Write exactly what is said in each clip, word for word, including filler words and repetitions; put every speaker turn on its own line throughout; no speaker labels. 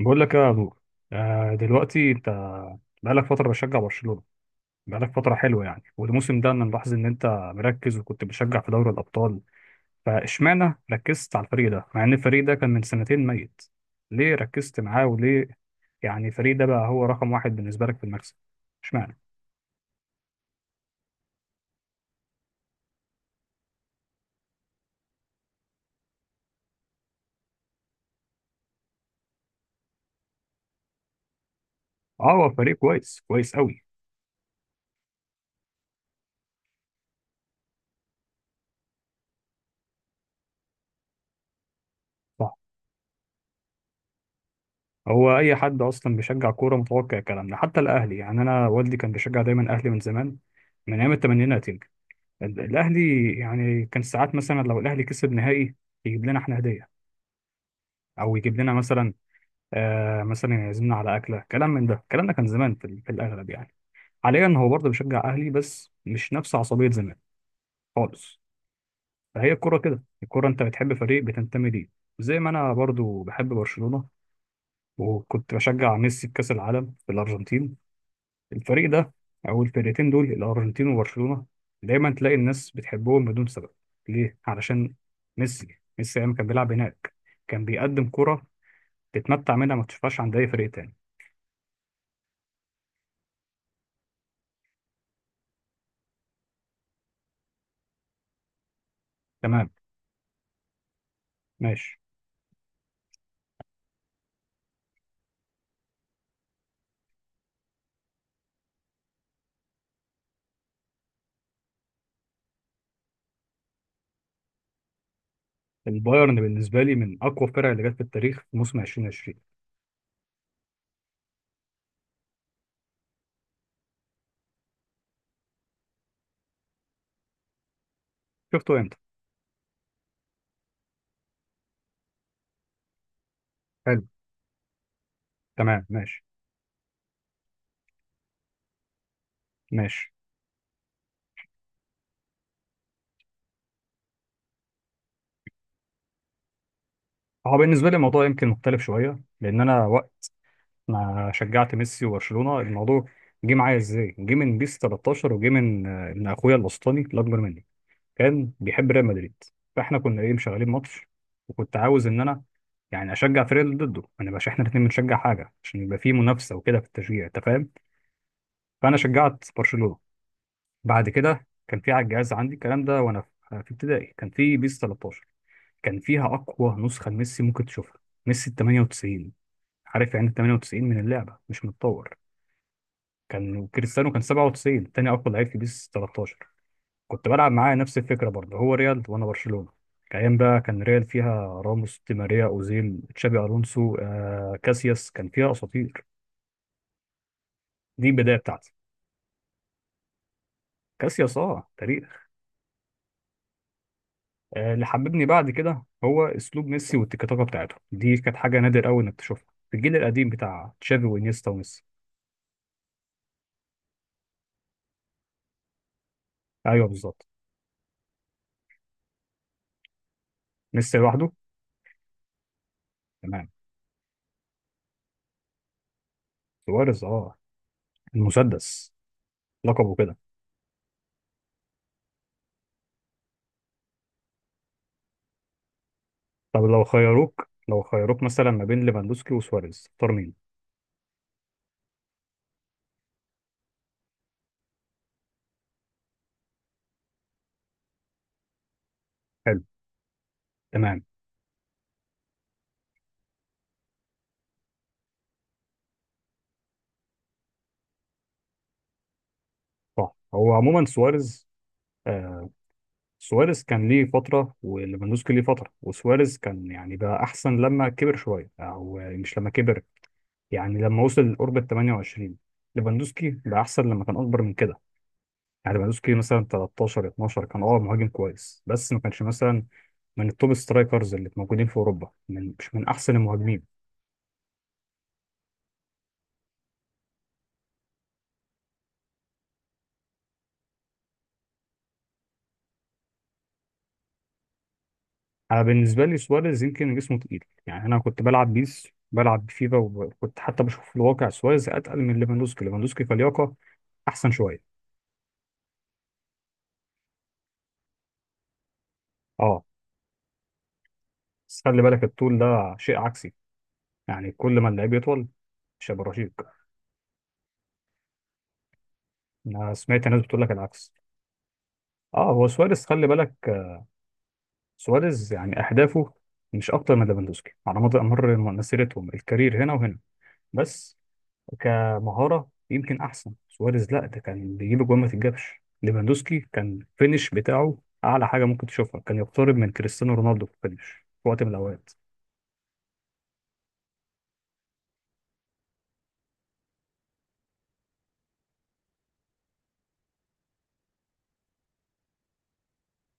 بقول لك يا نور. آه، دلوقتي انت بقالك فتره بشجع برشلونه. بقالك فتره حلوه يعني، والموسم ده انا ملاحظ ان انت مركز وكنت بتشجع في دوري الابطال. فاشمعنى ركزت على الفريق ده مع ان الفريق ده كان من سنتين ميت؟ ليه ركزت معاه، وليه يعني الفريق ده بقى هو رقم واحد بالنسبه لك في المكسب؟ اشمعنى؟ اه، هو فريق كويس، كويس قوي. صح، هو اي حد اصلا بيشجع كوره متوقع الكلام ده، حتى الاهلي. يعني انا والدي كان بيشجع دايما اهلي من زمان، من ايام الثمانينات. ال- الاهلي يعني كان ساعات مثلا لو الاهلي كسب نهائي يجيب لنا احنا هديه، او يجيب لنا مثلا، آه مثلا يعزمنا على اكله، كلام من ده. الكلام ده كان زمان في, ال- في الاغلب يعني. حاليا هو برضه بيشجع اهلي بس مش نفس عصبيه زمان خالص. فهي الكوره كده، الكوره انت بتحب فريق بتنتمي ليه. زي ما انا برضه بحب برشلونه وكنت بشجع ميسي في كاس العالم في الارجنتين. الفريق ده، او الفرقتين دول، الارجنتين وبرشلونه. دايما تلاقي الناس بتحبهم بدون سبب. ليه؟ علشان ميسي. ميسي ايام كان بيلعب هناك كان بيقدم كرة تتمتع منها، ما تشوفهاش عند اي فريق تاني. تمام، ماشي. البايرن بالنسبه لي من اقوى الفرق اللي جت في التاريخ، في موسم الفين وعشرين. شفته امتى؟ حلو، تمام ماشي. ماشي، هو بالنسبه لي الموضوع يمكن مختلف شويه، لان انا وقت ما شجعت ميسي وبرشلونه الموضوع جه معايا ازاي؟ جه من بيس تلتاشر، وجه من آه، من اخويا الوسطاني الاكبر مني. كان بيحب ريال مدريد، فاحنا كنا ايه مشغلين ماتش، وكنت عاوز ان انا يعني اشجع فريق اللي ضده، ما نبقاش احنا الاثنين بنشجع حاجه، عشان يبقى في منافسه وكده في التشجيع، انت فاهم. فانا شجعت برشلونه. بعد كده كان في على الجهاز عندي الكلام ده، وانا في في ابتدائي كان في بيس تلتاشر. كان فيها اقوى نسخه لميسي ممكن تشوفها. ميسي ال تمانية وتسعين. عارف يعني ال تمانية وتسعين من اللعبه، مش متطور. كان كريستيانو كان سبعة وتسعين، تاني اقوى لعيب في بيس تلتاشر. كنت بلعب معاه نفس الفكره برضه، هو ريال وانا برشلونه. ايام بقى كان ريال فيها راموس، دي ماريا، اوزيل، تشابي الونسو، آه كاسياس، كان فيها اساطير. دي البدايه بتاعتي. كاسياس اه، تاريخ. آه اللي حببني بعد كده هو اسلوب ميسي، والتيكي تاكا بتاعته دي كانت حاجه نادر قوي انك تشوفها في الجيل القديم بتاع تشافي وانيستا وميسي. ايوه، بالظبط. ميسي لوحده. تمام. سواريز اه، المسدس، لقبه كده. طب لو خيروك، لو خيروك مثلا ما بين ليفاندوسكي وسواريز، تختار مين؟ حلو، تمام. صح، هو عموما سواريز. آه سواريز كان ليه فترة، وليفاندوسكي ليه فترة. وسواريز كان يعني بقى أحسن لما كبر شوية، أو مش لما كبر، يعني لما وصل قرب ال تمانية وعشرين. ليفاندوسكي بقى أحسن لما كان أكبر من كده. يعني ليفاندوسكي مثلا تلتاشر، اتناشر كان أه مهاجم كويس، بس ما كانش مثلا من التوب سترايكرز اللي موجودين في أوروبا، من مش من أحسن المهاجمين. أنا بالنسبة لي سواريز يمكن جسمه تقيل، يعني أنا كنت بلعب بيس، بلعب بفيفا، وكنت حتى بشوف في الواقع سواريز أتقل من ليفاندوسكي. ليفاندوسكي كلياقة احسن شويه. اه، بس خلي بالك الطول ده شيء عكسي، يعني كل ما اللعيب يطول مش هيبقى رشيق. انا سمعت ناس بتقول لك العكس. اه، هو سواريز خلي بالك، آه، سواريز يعني اهدافه مش اكتر من ليفاندوسكي على مدى مر مسيرتهم، الكارير هنا وهنا. بس كمهاره يمكن احسن سواريز، لا ده كان بيجيب جوان ما تتجابش. ليفاندوسكي كان الفينش بتاعه اعلى حاجه ممكن تشوفها، كان يقترب من كريستيانو رونالدو في الفينش في وقت من الاوقات.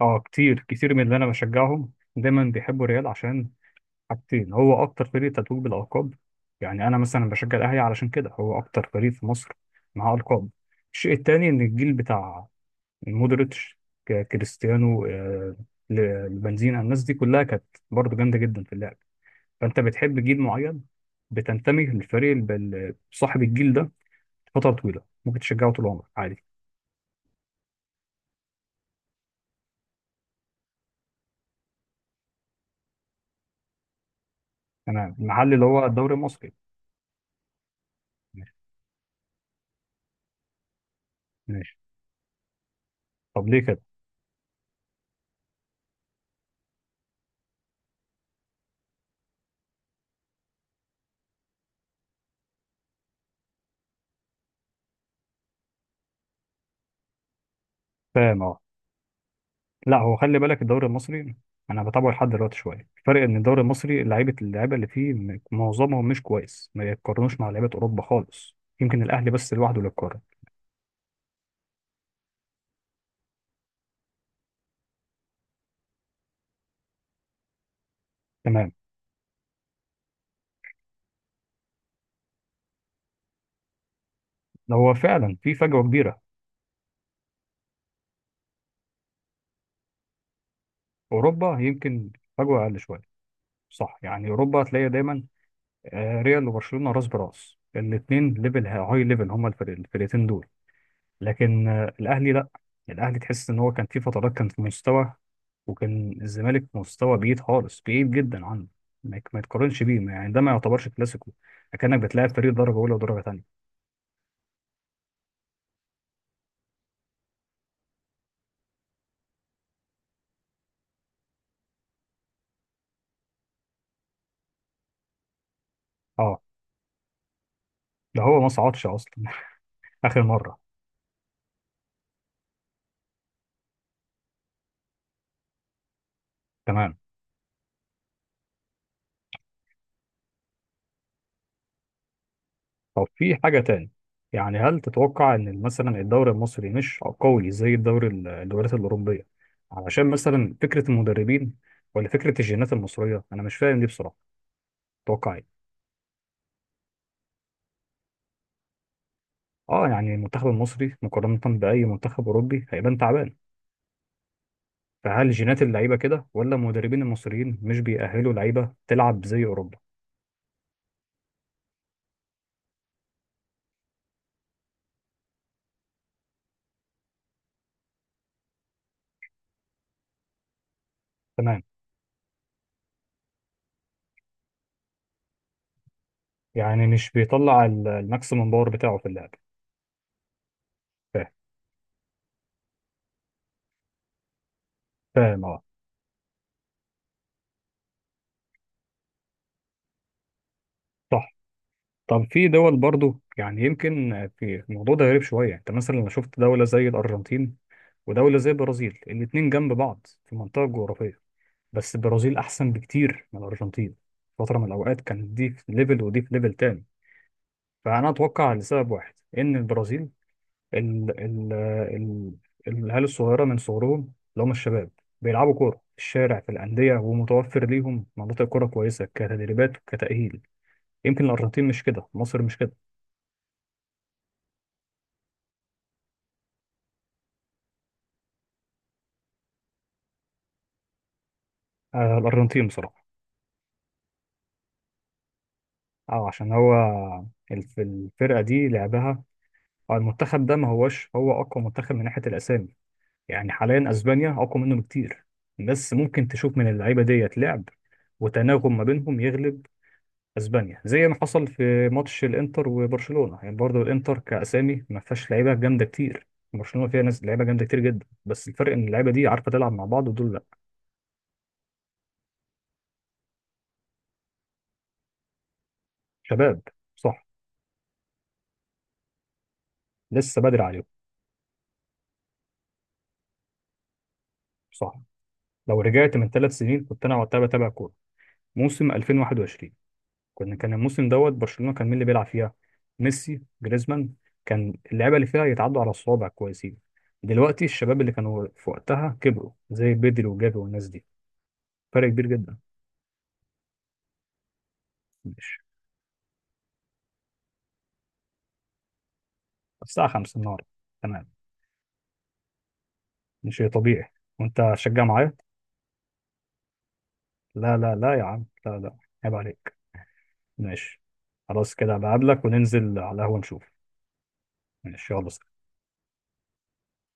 اه، كتير كتير من اللي انا بشجعهم دايما بيحبوا الريال، عشان حاجتين. هو اكتر فريق تتويج بالالقاب. يعني انا مثلا بشجع الاهلي علشان كده، هو اكتر فريق في مصر معاه القاب. الشيء التاني ان الجيل بتاع مودريتش، ك- كريستيانو، آه، ل- البنزينة، الناس دي كلها كانت برضه جامده جدا في اللعب. فانت بتحب جيل معين، بتنتمي للفريق الب- ال- صاحب الجيل ده فتره طويله، ممكن تشجعه طول عمرك عادي. انا المحل اللي هو الدوري المصري، ماشي. ماشي. طب ليه كده؟ فاهم، اه. لا، هو خلي بالك الدوري المصري انا بتابعه لحد دلوقتي شويه. الفرق ان الدوري المصري لعيبه، اللعيبه اللي فيه م- معظمهم مش كويس، ما يتقارنوش مع لعيبه اوروبا خالص. يمكن الاهلي بس لوحده اللي يتقارن. تمام. ده هو فعلا في فجوه كبيره. اوروبا يمكن فجوه اقل شويه. صح، يعني اوروبا هتلاقي دايما آه، ريال وبرشلونه راس براس، الاثنين ليفل هاي ليفل، هما الفرق- الفرقتين دول. لكن آه، الاهلي لا. الاهلي تحس ان هو كان في فترات كان في مستوى، وكان الزمالك في مستوى بعيد خالص، بعيد جدا عنه. ما يك- ما يتقارنش بيه، ما- يعني ده ما يعتبرش كلاسيكو. اكنك بتلاعب فريق درجه اولى ودرجه ثانيه. اه، ده هو ما صعدش اصلا اخر مره. تمام. طب في حاجه تاني، يعني هل تتوقع ان مثلا الدوري المصري مش قوي زي الدوري ال- الدوريات الاوروبيه، علشان مثلا فكره المدربين، ولا فكره الجينات المصريه؟ انا مش فاهم دي بصراحه، تتوقع ايه؟ اه، يعني المنتخب المصري مقارنة بأي منتخب أوروبي هيبان تعبان. فهل جينات اللعيبة كده، ولا المدربين المصريين مش بيأهلوا لعيبة تلعب زي أوروبا؟ تمام، يعني مش بيطلع ال- الماكسيمم باور بتاعه في اللعب. فاهم. فاهم، اه. صح. طب في دول برضو، يعني يمكن في الموضوع ده غريب شوية. انت مثلا لو شفت دولة زي الأرجنتين ودولة زي البرازيل، الاتنين جنب بعض في منطقة جغرافية، بس البرازيل أحسن بكتير من الأرجنتين. فترة من الأوقات كانت دي في ليفل ودي في ليفل تاني. فأنا أتوقع لسبب واحد، إن البرازيل ال ال ال العيال الصغيرة من صغرهم، اللي هم الشباب، بيلعبوا كورة في الشارع، في الأندية، ومتوفر ليهم مناطق كورة كويسة، كتدريبات وكتأهيل. يمكن الأرجنتين مش كده، مصر مش كده. آه، الأرجنتين بصراحة. أه، عشان هو الف- الفرقة دي لعبها، أو المنتخب ده، ما هوش هو أقوى منتخب من ناحية الأسامي، يعني حاليا أسبانيا أقوى منه بكتير. بس ممكن تشوف من اللعيبة ديت لعب وتناغم ما بينهم يغلب اسبانيا، زي ما حصل في ماتش الانتر وبرشلونه. يعني برضه الانتر كاسامي ما فيهاش لعيبه جامده كتير، برشلونه فيها ناس لعيبه جامده كتير جدا، بس الفرق ان اللعيبه دي عارفه تلعب مع بعض ودول لا. شباب، صح. لسه بدري عليهم. صح، لو رجعت من ثلاث سنين، كنت انا وقتها بتابع كوره، موسم الفين وواحد وعشرين. كنا كان الموسم دوت، برشلونه كان مين اللي بيلعب فيها؟ ميسي، جريزمان. كان اللعيبه اللي فيها يتعدوا على الصوابع، كويسين. دلوقتي الشباب اللي كانوا في وقتها كبروا، زي بيدري وجافي والناس دي. فرق كبير جدا. الساعة خمسة النهار. تمام. ماشي، طبيعي. وأنت هتشجع معايا؟ لا لا لا يا عم، لا لا، عيب عليك. ماشي، خلاص كده بقابلك وننزل على القهوة نشوف. ماشي، يلا سلام.